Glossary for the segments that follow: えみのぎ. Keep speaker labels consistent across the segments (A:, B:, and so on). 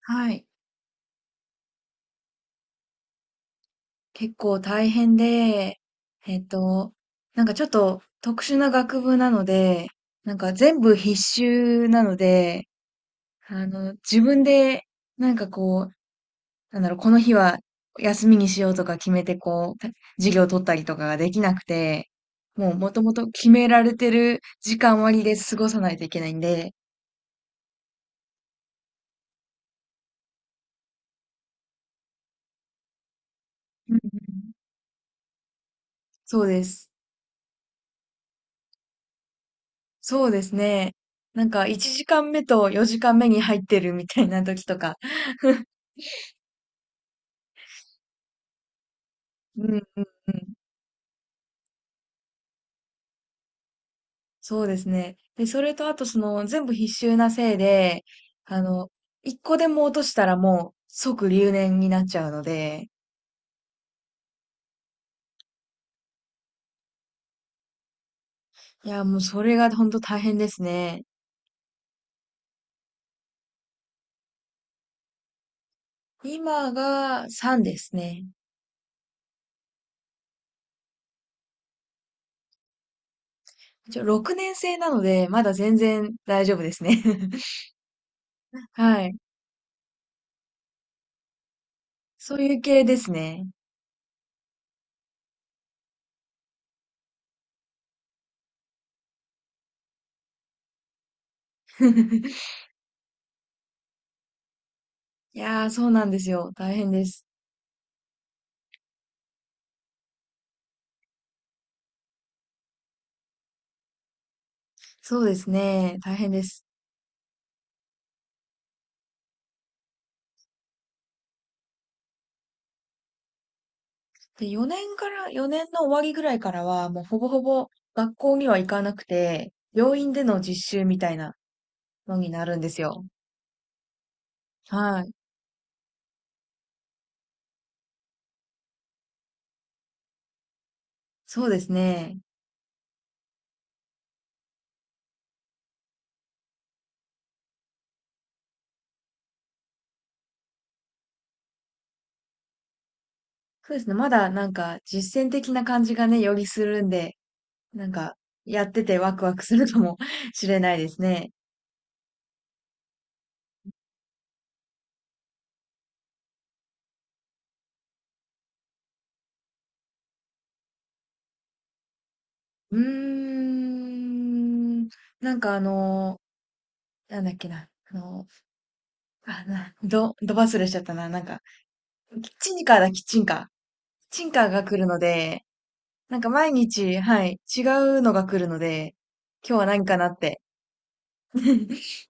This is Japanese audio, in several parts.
A: はい。結構大変で、えっと、なんかちょっと特殊な学部なので、なんか全部必修なので、自分で、なんかこう、なんだろう、この日は休みにしようとか決めて、こう、授業を取ったりとかができなくて、もうもともと決められてる時間割で過ごさないといけないんで、うんうん、そうです。そうですね。なんか1時間目と4時間目に入ってるみたいな時とか。うんうんうん。そうですね。で、それとあとその全部必修なせいで、あの、一個でも落としたらもう即留年になっちゃうので、いや、もうそれが本当大変ですね。今が3ですね。一応6年生なので、まだ全然大丈夫ですね。はい。そういう系ですね。いやー、そうなんですよ。大変です。そうですね。大変です。で、4年から、4年の終わりぐらいからは、もうほぼほぼ学校には行かなくて、病院での実習みたいなのになるんですよ。はい。そうですね。そうですね。まだなんか実践的な感じがね、よりするんで、なんかやっててワクワクするかも しれないですね。うーん。なんかなんだっけな。あ、ど忘れしちゃったな。なんか、キッチンカーだ、キッチンカー。キッチンカーが来るので、なんか毎日、はい、違うのが来るので、今日は何かなって。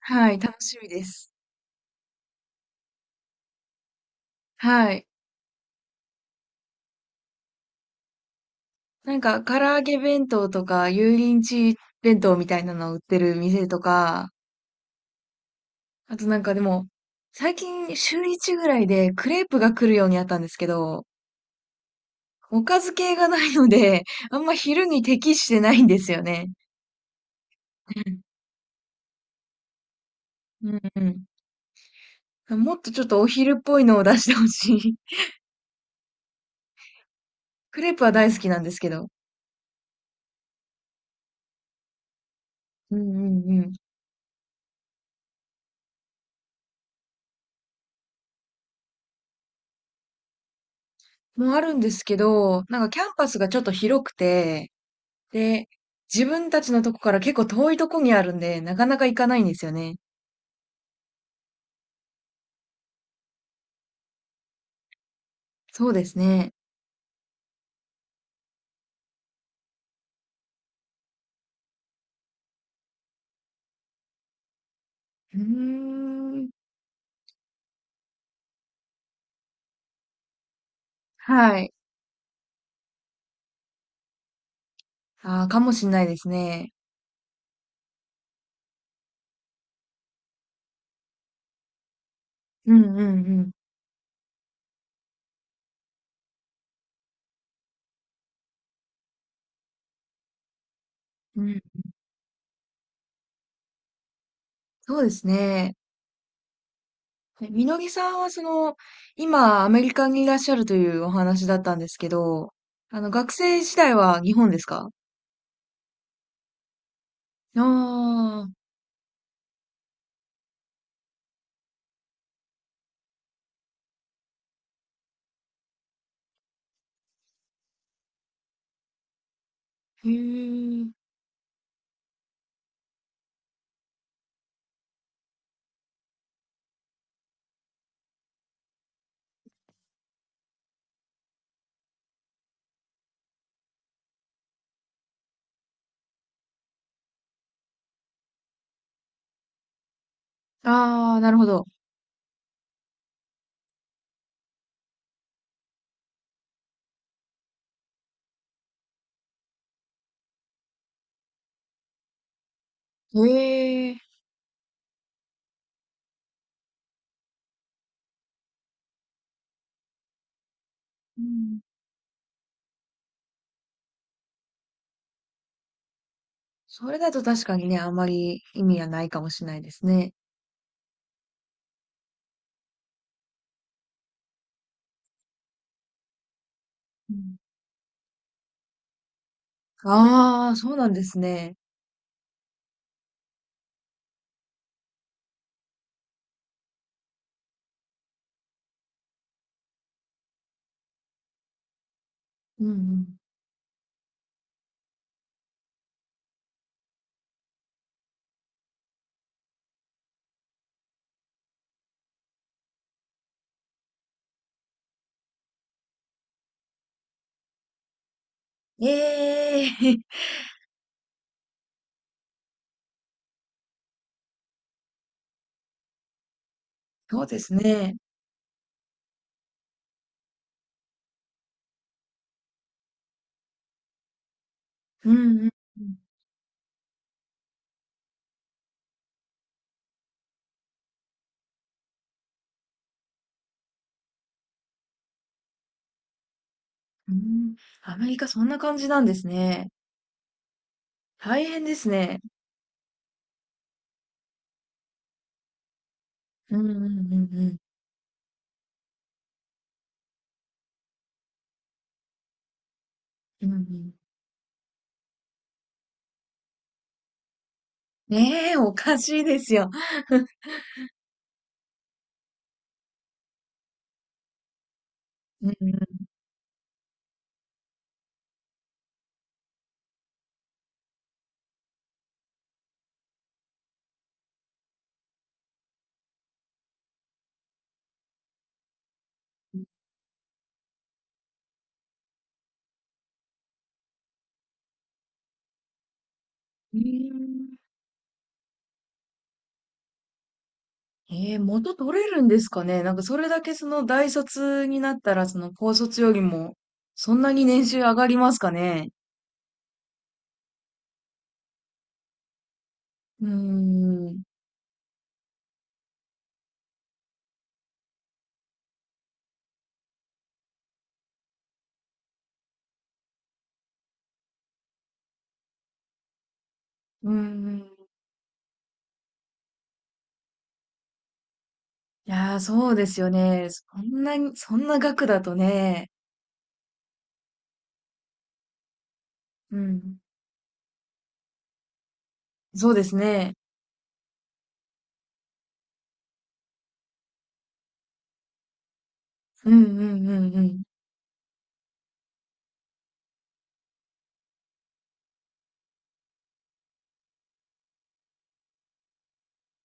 A: はい、楽しみです。はい。なんか、唐揚げ弁当とか、油淋鶏弁当みたいなのを売ってる店とか、あとなんかでも、最近週1ぐらいでクレープが来るようになったんですけど、おかず系がないので、あんま昼に適してないんですよね。うん、うん、うん。もっとちょっとお昼っぽいのを出してほしい。クレープは大好きなんですけど。うん、うん、うん。もあるんですけど、なんかキャンパスがちょっと広くて、で、自分たちのとこから結構遠いとこにあるんで、なかなか行かないんですよね。そうですね。うーん。はい。ああ、かもしんないですね。うんうんうん。うん、そうですね。えみのぎさんはその、今アメリカにいらっしゃるというお話だったんですけど、学生時代は日本ですか？ああー、へえ。ああ、なるほど。へえ。うん、それだと確かにね、あんまり意味がないかもしれないですね。うん。ああ、そうなんですね。うんうん。ええ そうですね。うんうんうん。うん、アメリカそんな感じなんですね。大変ですね。うんうんうんうん。うんうん。ねえ、おかしいですよ。うんうん。えー、元取れるんですかね。なんかそれだけその大卒になったら、その高卒よりも、そんなに年収上がりますかね。うーん。うーん。いやー、そうですよね。そんなに、そんな額だとね。うん。そうですね。うんうんうんうん。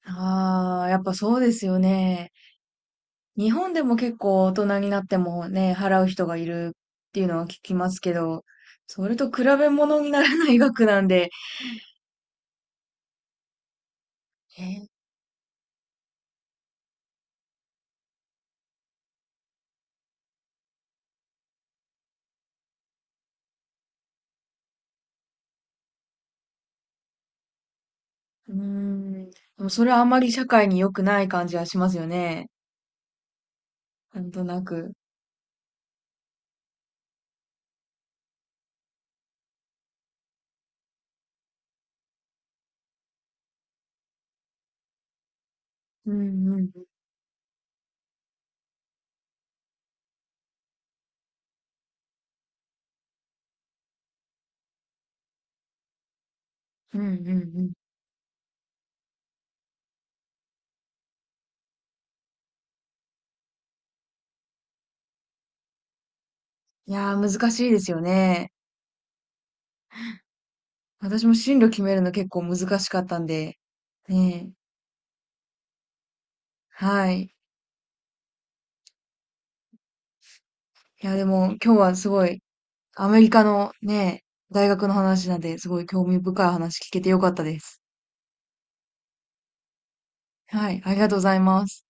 A: ああ、やっぱそうですよね。日本でも結構大人になってもね、払う人がいるっていうのは聞きますけど、それと比べ物にならない額なんで、え、うーん。でもそれはあまり社会に良くない感じはしますよね。なんとなく。うんうん。うんうんうん。いやー、難しいですよね。私も進路決めるの結構難しかったんで、ねえ。はい。いや、でも今日はすごい、アメリカのね、大学の話なんで、すごい興味深い話聞けてよかったです。はい。ありがとうございます。